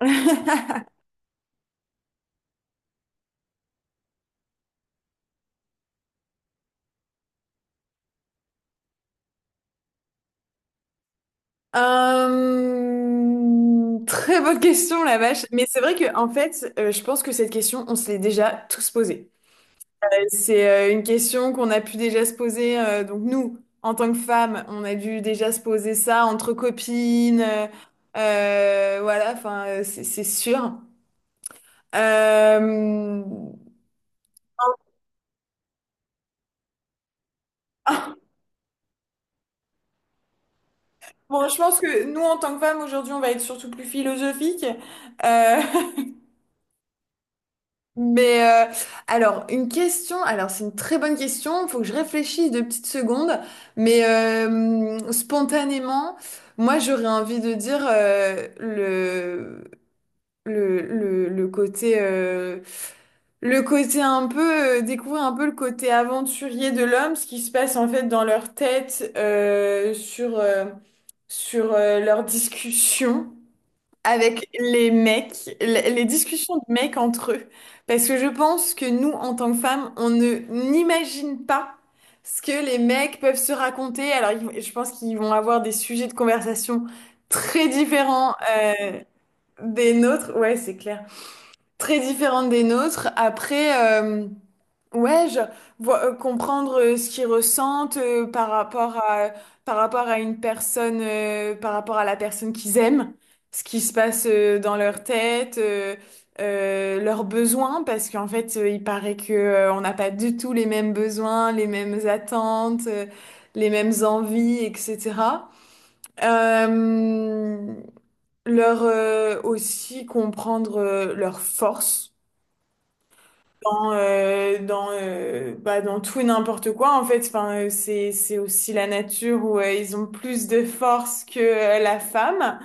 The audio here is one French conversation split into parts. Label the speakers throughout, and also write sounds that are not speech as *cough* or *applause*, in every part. Speaker 1: *laughs* Très bonne question, la vache. Mais c'est vrai que en fait, je pense que cette question, on se l'est déjà tous posée. C'est une question qu'on a pu déjà se poser. Donc nous, en tant que femmes, on a dû déjà se poser ça entre copines. Voilà, enfin, c'est sûr. Euh, *laughs* Bon, je pense que nous, en tant que femmes, aujourd'hui, on va être surtout plus philosophique. Mais alors, une question, alors c'est une très bonne question, il faut que je réfléchisse deux petites secondes, mais spontanément, moi j'aurais envie de dire le, le, le côté euh, le côté un peu découvrir un peu le côté aventurier de l'homme, ce qui se passe en fait dans leur tête sur leurs discussions avec les mecs, les discussions de mecs entre eux. Parce que je pense que nous, en tant que femmes, on ne n'imagine pas ce que les mecs peuvent se raconter. Alors, je pense qu'ils vont avoir des sujets de conversation très différents des nôtres. Ouais, c'est clair. Très différents des nôtres. Après, ouais, genre, comprendre ce qu'ils ressentent par rapport à une personne, par rapport à la personne qu'ils aiment, ce qui se passe dans leur tête, leurs besoins, parce qu'en fait, il paraît que, on n'a pas du tout les mêmes besoins, les mêmes attentes, les mêmes envies, etc. Euh, Leur, aussi comprendre, leurs forces dans bah, dans tout et n'importe quoi en fait. Enfin, c'est aussi la nature où ils ont plus de force que la femme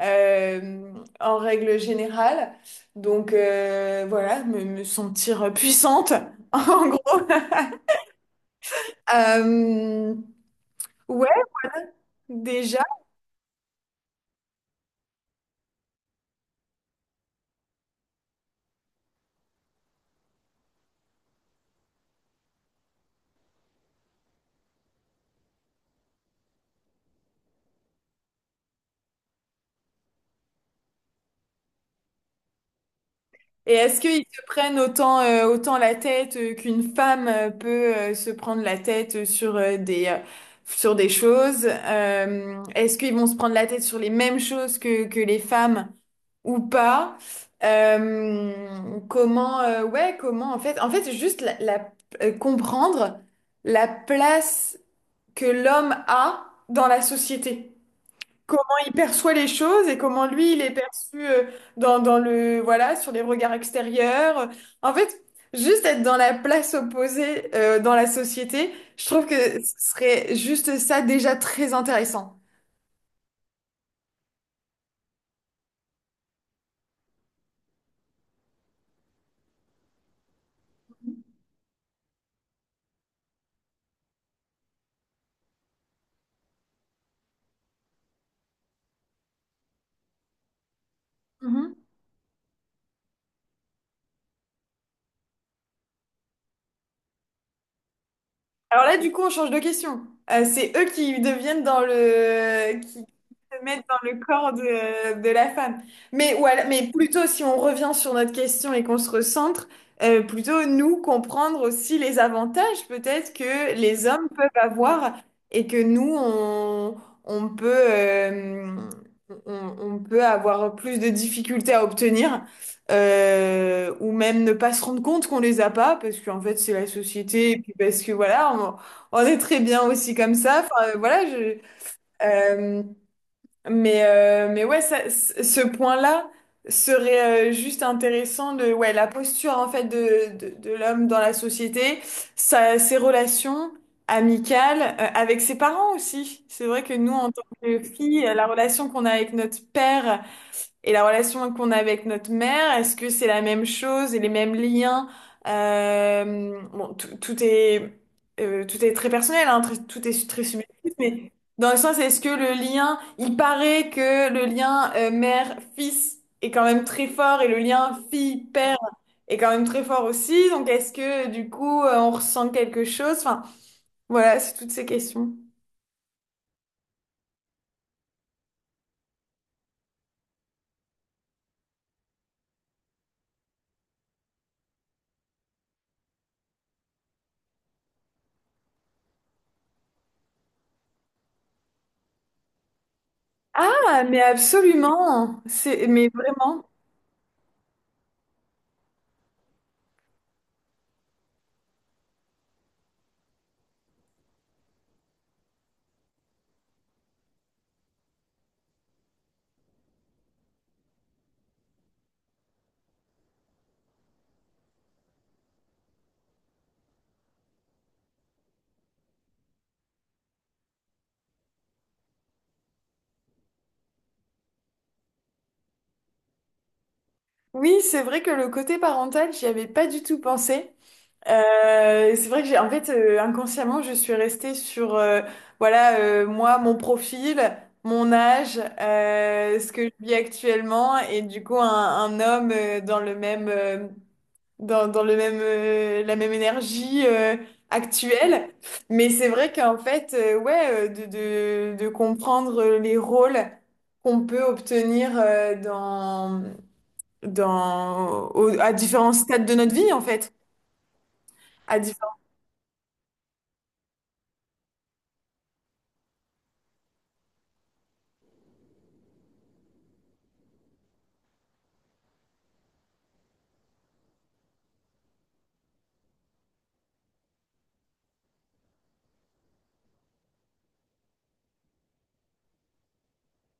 Speaker 1: euh, en règle générale. Donc voilà, me sentir puissante *laughs* en gros. Euh, ouais, déjà. Et est-ce qu'ils se prennent autant, autant la tête qu'une femme peut se prendre la tête sur, sur des choses? Est-ce qu'ils vont se prendre la tête sur les mêmes choses que les femmes ou pas? Euh, Comment, ouais, comment en fait, juste comprendre la place que l'homme a dans la société, comment il perçoit les choses et comment lui il est perçu dans le voilà sur les regards extérieurs. En fait, juste être dans la place opposée dans la société, je trouve que ce serait juste ça déjà très intéressant. Mhm. Alors là, du coup, on change de question. C'est eux qui deviennent dans le, qui se mettent dans le corps de la femme. Mais, mais plutôt, si on revient sur notre question et qu'on se recentre, plutôt nous comprendre aussi les avantages peut-être que les hommes peuvent avoir et que nous, on peut, euh, on peut avoir plus de difficultés à obtenir ou même ne pas se rendre compte qu'on les a pas parce qu'en fait c'est la société et puis parce que voilà on est très bien aussi comme ça, enfin voilà je euh, mais ouais ça, ce point-là serait juste intéressant de ouais la posture en fait de l'homme dans la société, ses relations amicales avec ses parents. Aussi c'est vrai que nous en tant que filles, la relation qu'on a avec notre père et la relation qu'on a avec notre mère, est-ce que c'est la même chose et les mêmes liens? Bon, tout est très personnel, hein, tout est très subjectif, mais dans le sens, est-ce que le lien, il paraît que le lien mère-fils est quand même très fort et le lien fille-père est quand même très fort aussi, donc est-ce que du coup on ressent quelque chose? Enfin, voilà, c'est toutes ces questions. Ah, mais absolument, c'est, mais vraiment. Oui, c'est vrai que le côté parental, j'y avais pas du tout pensé. C'est vrai que j'ai, en fait, inconsciemment, je suis restée sur, voilà, moi, mon profil, mon âge, ce que je vis actuellement, et du coup, un homme dans le même, la même énergie actuelle. Mais c'est vrai qu'en fait, ouais, de comprendre les rôles qu'on peut obtenir à différents stades de notre vie, en fait. À différents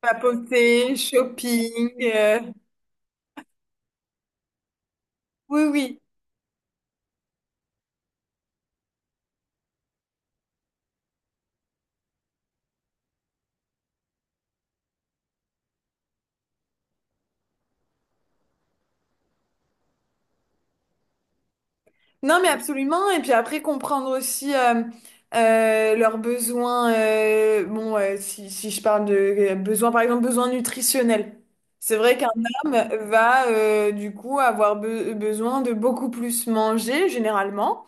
Speaker 1: papoter, shopping. Oui, oui. Non, mais absolument. Et puis après, comprendre aussi leurs besoins. Si, si je parle de besoins, par exemple, besoins nutritionnels. C'est vrai qu'un homme va du coup avoir besoin de beaucoup plus manger généralement.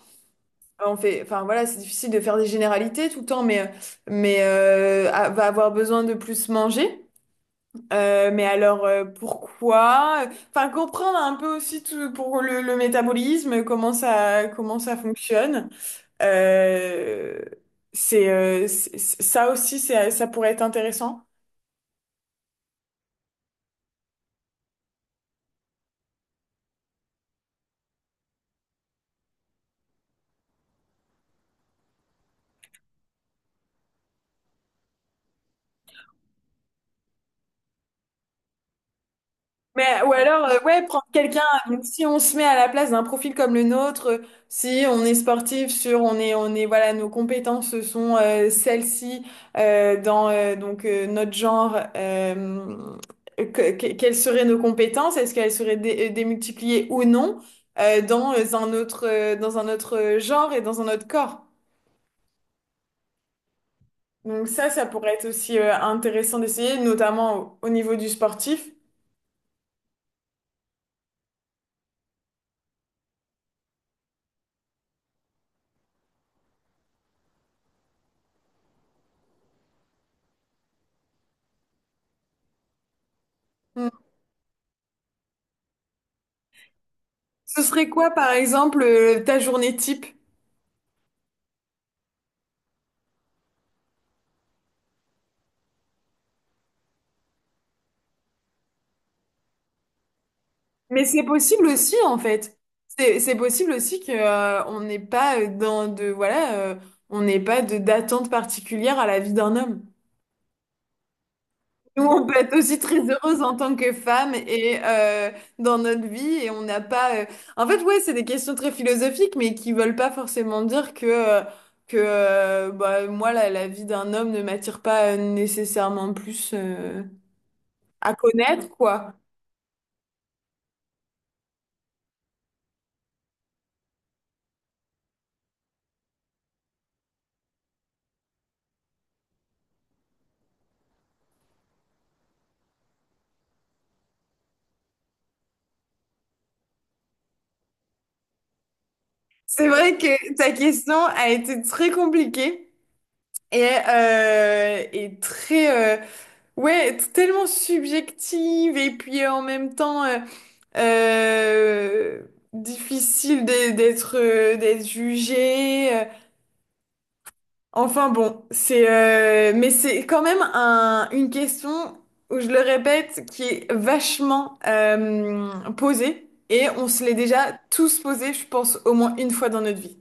Speaker 1: On fait, enfin voilà, c'est difficile de faire des généralités tout le temps, mais va avoir besoin de plus manger. Mais alors pourquoi? Enfin comprendre un peu aussi tout pour le métabolisme, comment ça fonctionne. Euh, c'est ça aussi ça pourrait être intéressant. Mais, ou alors, ouais, prendre quelqu'un. Donc, si on se met à la place d'un profil comme le nôtre, si on est sportif, on est, voilà, nos compétences sont celles-ci dans donc notre genre. Quelles seraient nos compétences? Est-ce qu'elles seraient démultipliées ou non dans un autre genre et dans un autre corps? Donc ça pourrait être aussi intéressant d'essayer, notamment au niveau du sportif. Hmm. Ce serait quoi, par exemple, ta journée type? Mais c'est possible aussi, en fait. C'est possible aussi que on n'est pas on n'est pas de d'attente particulière à la vie d'un homme. Nous, on peut être aussi très heureuse en tant que femme et dans notre vie et on n'a pas. En fait, ouais, c'est des questions très philosophiques, mais qui veulent pas forcément dire que bah, moi la vie d'un homme ne m'attire pas nécessairement plus à connaître, quoi. C'est vrai que ta question a été très compliquée. Et très ouais tellement subjective et puis en même temps euh, difficile d'être d'être jugé Enfin bon c'est mais c'est quand même un une question où je le répète qui est vachement posée et on se l'est déjà tous posée, je pense, au moins une fois dans notre vie.